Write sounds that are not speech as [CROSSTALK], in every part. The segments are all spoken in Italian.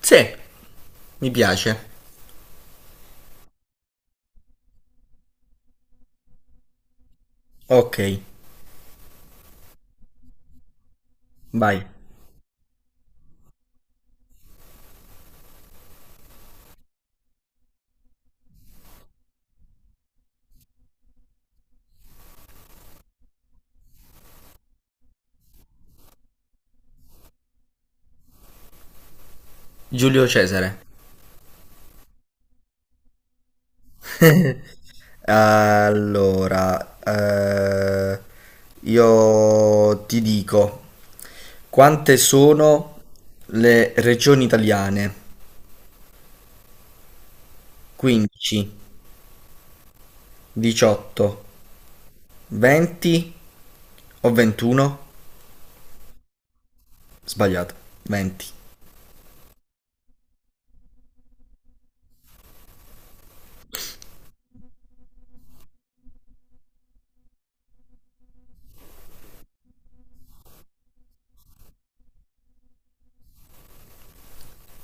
Sì, mi piace. Ok, vai. Giulio Cesare. Allora, io ti dico quante sono le regioni italiane? 15, 18, 20 o 21? Sbagliato, 20.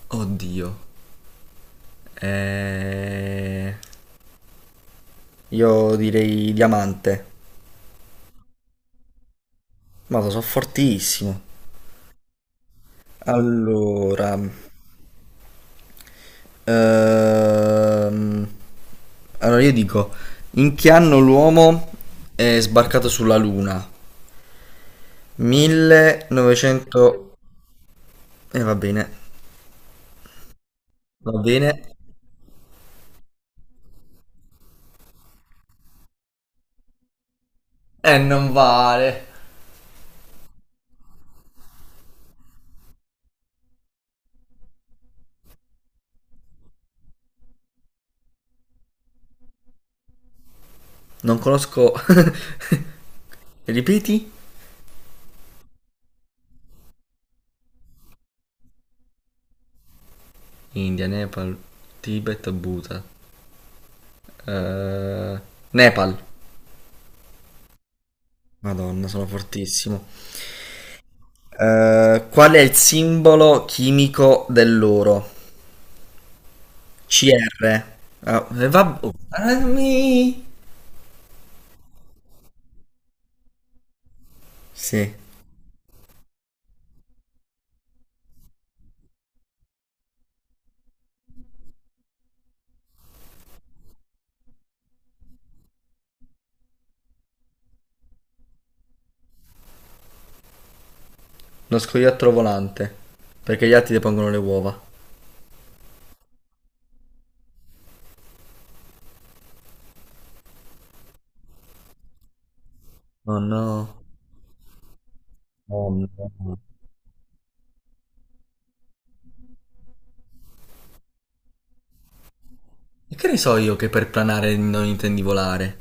Oddio. Eh... Io direi diamante, ma lo so fortissimo. Allora, Ehm, allora io dico, in che anno l'uomo è sbarcato sulla Luna? 1900... va bene, va bene. Non vale. Non conosco... [LAUGHS] Ripeti? India, Nepal, Tibet, Bhutan. Eh, Nepal. Madonna, sono fortissimo. Qual è il simbolo chimico dell'oro? CR. Ah, va... oh, armi. Sì, uno scoiattolo volante. Perché gli altri depongono le uova. Oh no. Oh no. E che ne so io che per planare non intendi volare?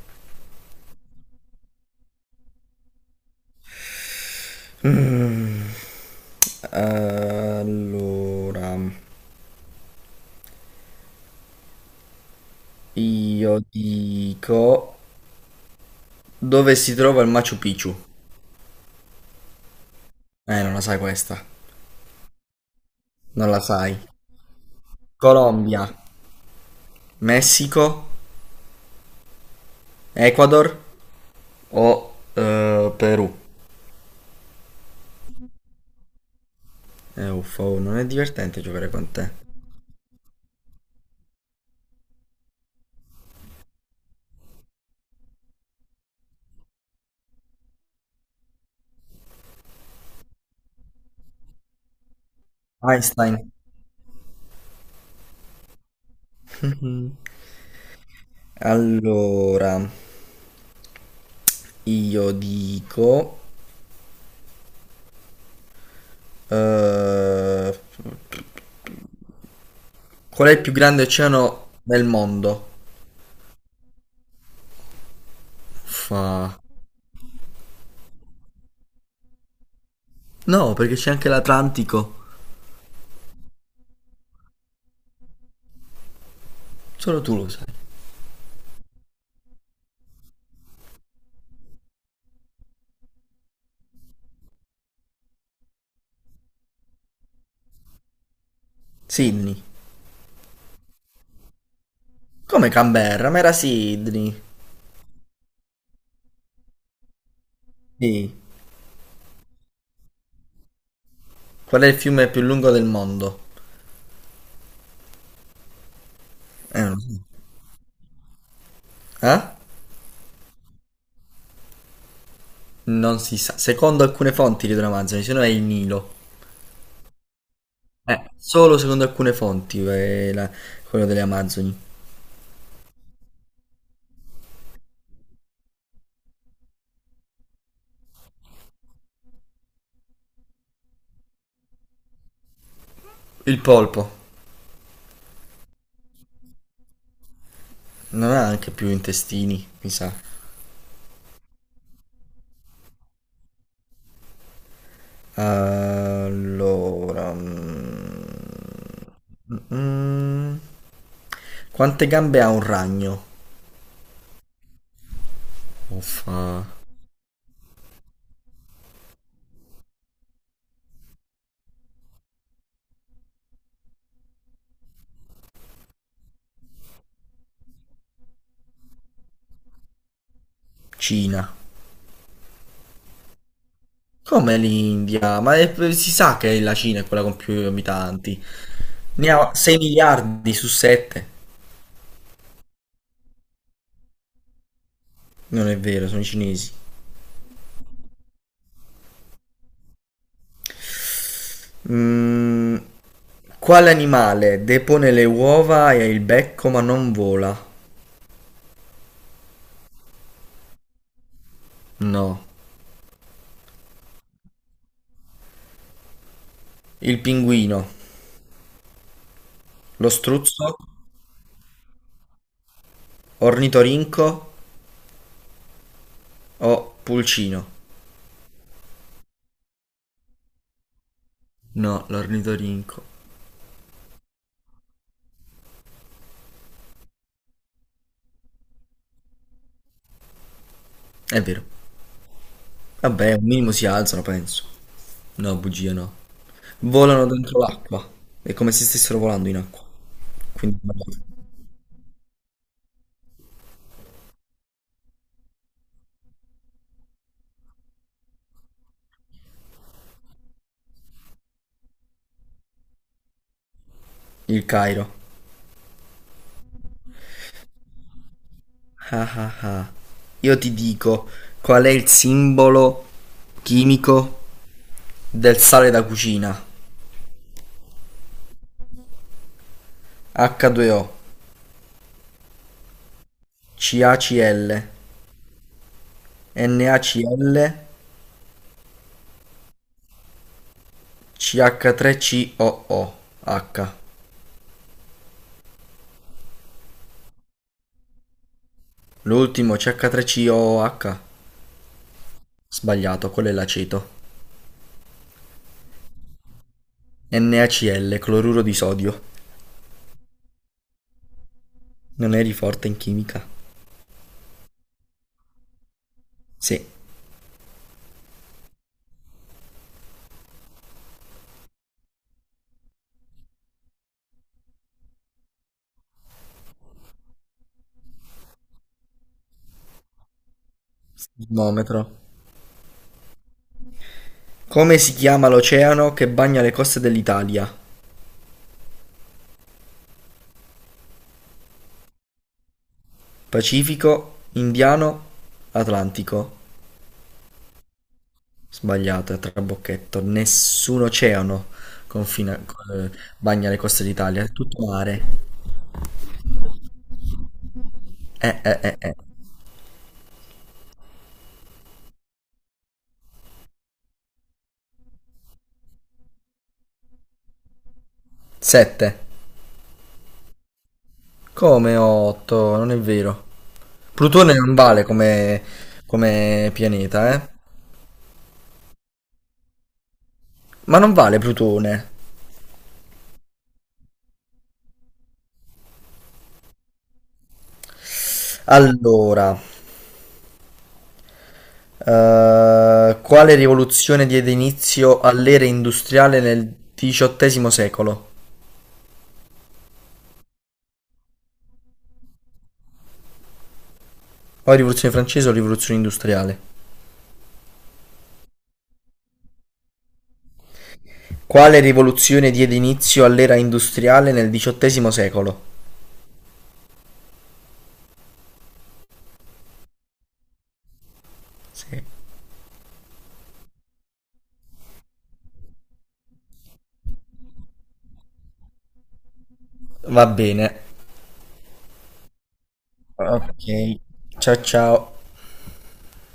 Mm. Allora, io dico, dove si trova il Machu Picchu? Non la sai questa. Non la sai. Colombia, Messico, Ecuador o Perù? Uffa, oh, non è divertente giocare con te. Einstein. [LAUGHS] Mhm. Allora, io dico... eh, Qual è il più grande oceano del mondo? Uffa. No, perché c'è anche l'Atlantico. Solo tu lo sai. Sydney. Come Canberra? Ma era Sydney. Sì. Qual è il fiume più lungo del mondo? Non lo so. Eh? Non si sa. Secondo alcune fonti di Amazoni, se no è il Nilo. Solo secondo alcune fonti, quello delle Amazzoni. Il polpo non ha anche più intestini, mi sa. Allora, mm, quante gambe ha un ragno? Uffa. Cina. Come l'India? Si sa che la Cina è quella con più abitanti. Ne ha 6 miliardi su 7. Non è vero, sono i cinesi. Mm, quale animale depone le uova e ha il becco ma non vola? No. Il pinguino, lo struzzo, ornitorinco o pulcino? No, l'ornitorinco. È vero. Vabbè, un minimo si alzano, penso. No, bugia no. Volano dentro l'acqua. È come se stessero volando in acqua. Quindi il Cairo. Ah ah ah. Io ti dico qual è il simbolo chimico del sale da cucina. H2O. CACL, NaCl, CH3COOH. L'ultimo CH3COOH. Sbagliato, quello è l'aceto. NaCl, cloruro di sodio. Non eri forte in chimica? Sì. Sismometro. Come si chiama l'oceano che bagna le coste dell'Italia? Pacifico, Indiano, Atlantico. Sbagliato, è trabocchetto. Nessun oceano confina- eh, bagna le coste d'Italia, è tutto mare. Eh. 7. Come 8? Non è vero. Plutone non vale come, come pianeta, eh? Ma non vale Plutone. Allora, quale rivoluzione diede inizio all'era industriale nel XVIII secolo? O rivoluzione francese o rivoluzione industriale? Quale rivoluzione diede inizio all'era industriale nel XVIII secolo? Sì. Va bene. Ok. Ciao ciao.